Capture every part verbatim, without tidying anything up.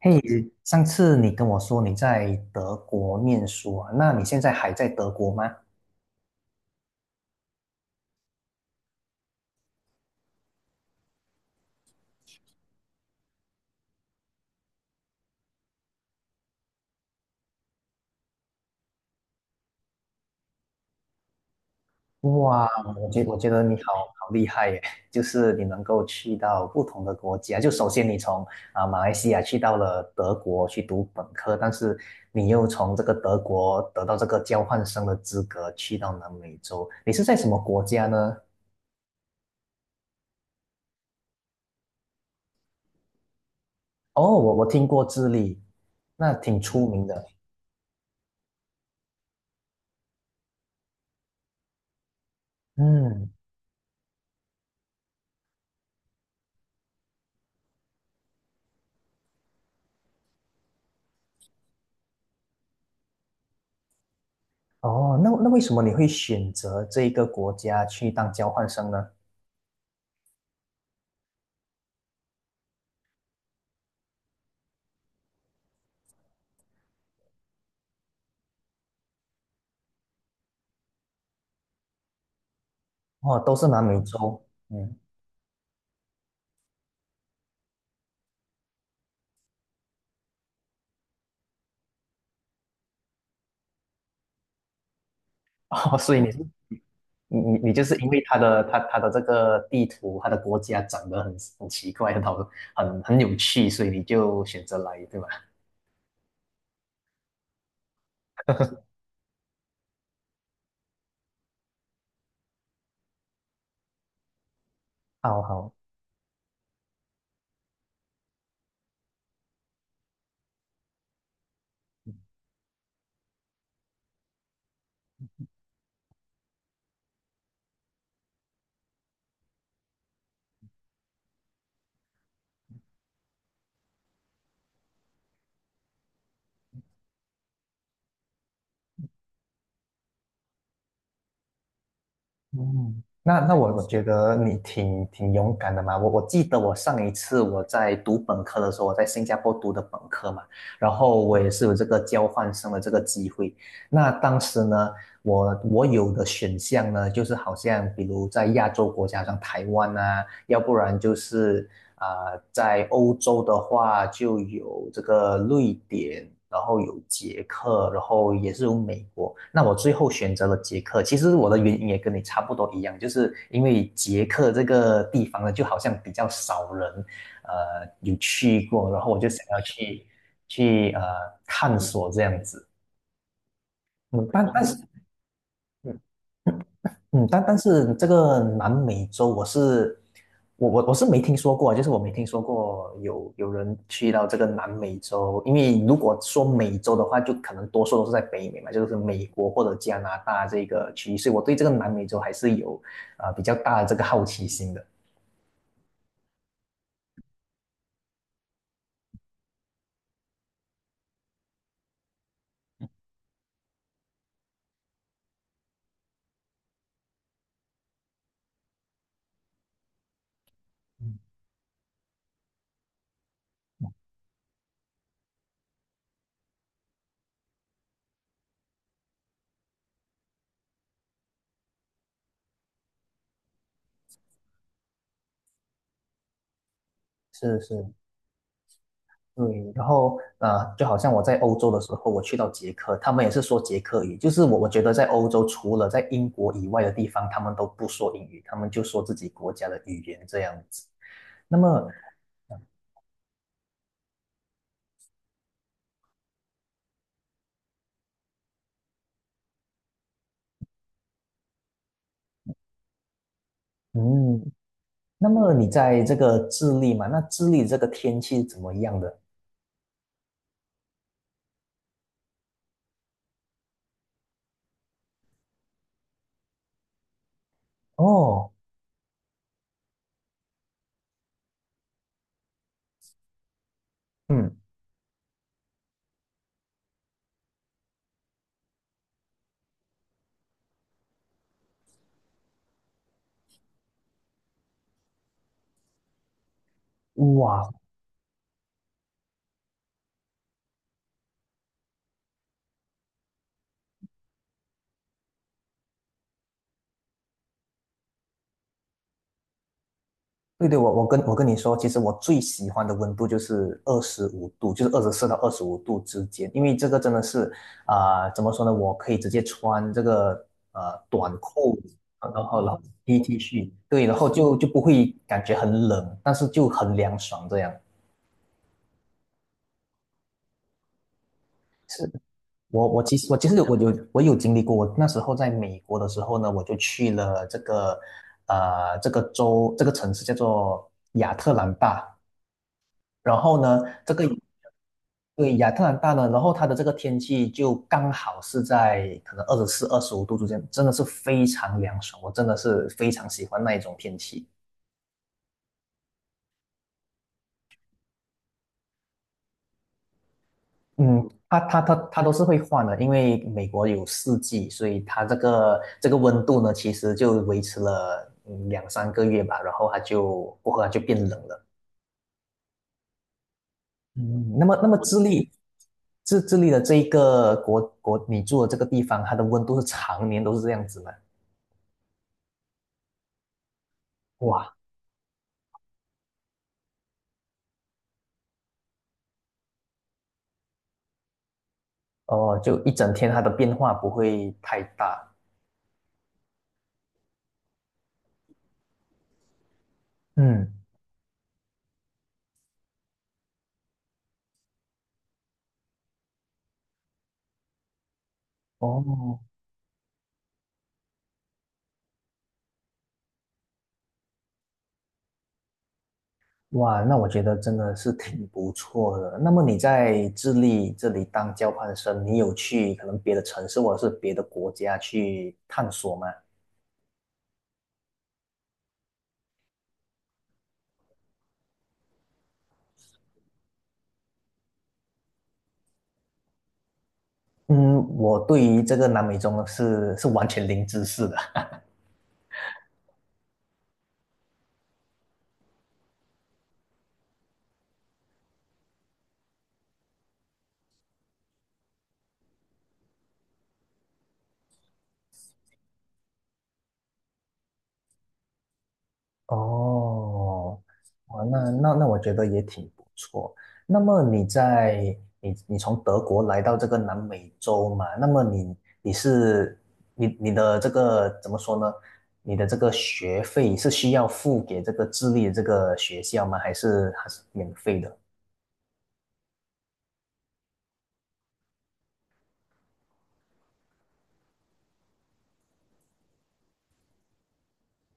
嘿，上次你跟我说你在德国念书啊，那你现在还在德国吗？哇，我觉我觉得你好好厉害耶，就是你能够去到不同的国家。就首先你从啊、马来西亚去到了德国去读本科，但是你又从这个德国得到这个交换生的资格去到南美洲，你是在什么国家呢？哦，我我听过智利，那挺出名的。嗯。哦，那那为什么你会选择这一个国家去当交换生呢？哦，都是南美洲，嗯，哦，所以你是你你你就是因为它的它它的这个地图，它的国家长得很很奇怪，很好，很很有趣，所以你就选择来，对吧？好好。嗯，那那我我觉得你挺挺勇敢的嘛。我我记得我上一次我在读本科的时候，我在新加坡读的本科嘛，然后我也是有这个交换生的这个机会。那当时呢，我我有的选项呢，就是好像比如在亚洲国家，像台湾啊，要不然就是啊、呃在欧洲的话就有这个瑞典，然后有捷克，然后也是有美国。那我最后选择了捷克，其实我的原因也跟你差不多一样，就是因为捷克这个地方呢，就好像比较少人，呃，有去过，然后我就想要去去呃探索这样子。嗯，但但是，嗯嗯，但但是这个南美洲我是我我我是没听说过，就是我没听说过有有人去到这个南美洲，因为如果说美洲的话，就可能多数都是在北美嘛，就是美国或者加拿大这个区域，所以我对这个南美洲还是有啊、呃比较大的这个好奇心的。嗯，是是，对，然后呃，就好像我在欧洲的时候，我去到捷克，他们也是说捷克语，就是我我觉得在欧洲除了在英国以外的地方，他们都不说英语，他们就说自己国家的语言这样子。那么，嗯，那么你在这个智利嘛，那智利这个天气怎么样的？哦，嗯，哇，对对，我我跟我跟你说，其实我最喜欢的温度就是二十五度，就是二十四到二十五度之间，因为这个真的是啊、呃怎么说呢？我可以直接穿这个呃短裤，然后然后 T T 恤，对，然后就就不会感觉很冷，但是就很凉爽这样。是，我我其实我其实我有我有经历过，我那时候在美国的时候呢，我就去了这个呃这个州这个城市叫做亚特兰大。然后呢，这个对亚特兰大呢，然后它的这个天气就刚好是在可能二十四、二十五度之间，真的是非常凉爽，我真的是非常喜欢那一种天气。嗯，它它它它都是会换的，因为美国有四季，所以它这个这个温度呢，其实就维持了嗯两三个月吧，然后它就过后它就变冷了。嗯，那么那么智利，智智利的这一个国国，你住的这个地方，它的温度是常年都是这样子吗？哇，哦，就一整天它的变化不会太大。嗯，哦，哇，那我觉得真的是挺不错的。那么你在智利这里当交换生，你有去可能别的城市或者是别的国家去探索吗？嗯，我对于这个南美洲呢是是完全零知识的。哦，哇，那那那我觉得也挺不错。那么你在你你从德国来到这个南美洲嘛？那么你你是你你的这个怎么说呢？你的这个学费是需要付给这个智利的这个学校吗？还是还是免费的？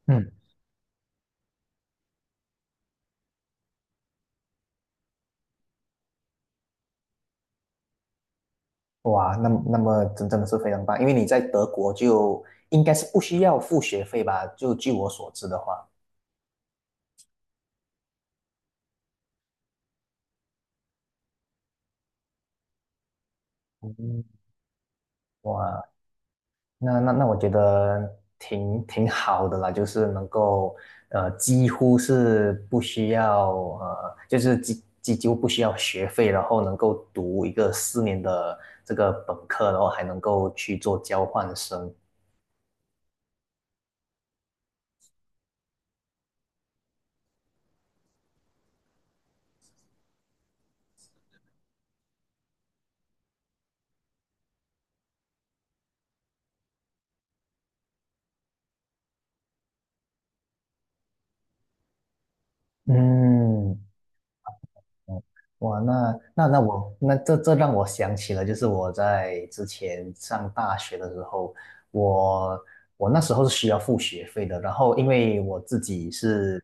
嗯。哇，那么那么真真的是非常棒，因为你在德国就应该是不需要付学费吧？就据我所知的话，嗯，哇，那那那我觉得挺挺好的啦，就是能够呃几乎是不需要呃就是几几几乎不需要学费，然后能够读一个四年的这个本科，然后还能够去做交换生。嗯，哦，哇，那那那我那这这让我想起了，就是我在之前上大学的时候，我我那时候是需要付学费的，然后因为我自己是，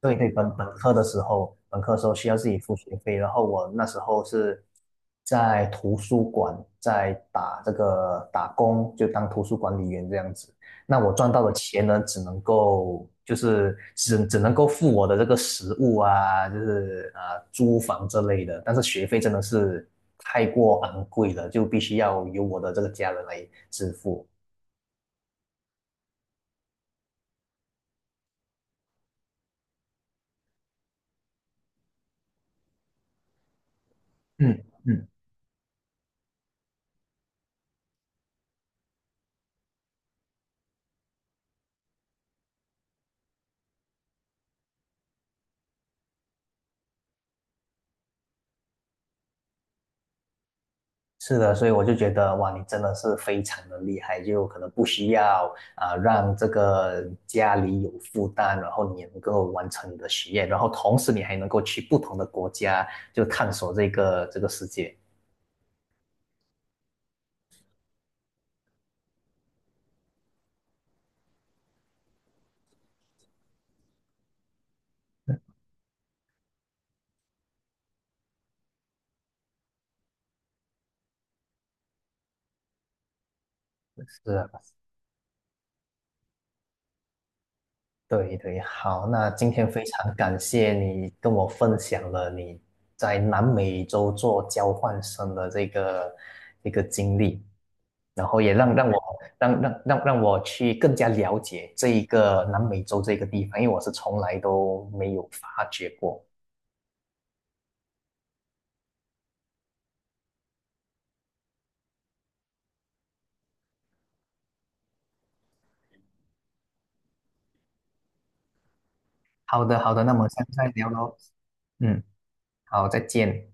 对对，本本科的时候，本科的时候需要自己付学费，然后我那时候是在图书馆在打这个打工，就当图书管理员这样子。那我赚到的钱呢，只能够就是只只能够付我的这个食物啊，就是啊租房这类的，但是学费真的是太过昂贵了，就必须要由我的这个家人来支付。嗯嗯，是的，所以我就觉得哇，你真的是非常的厉害，就可能不需要啊让这个家里有负担，然后你也能够完成你的学业，然后同时你还能够去不同的国家就探索这个这个世界。是啊，对对，好，那今天非常感谢你跟我分享了你在南美洲做交换生的这个一个经历，然后也让让我让让让让我去更加了解这一个南美洲这个地方，因为我是从来都没有发觉过。好的，好的，那么下次再聊喽。嗯，好，再见。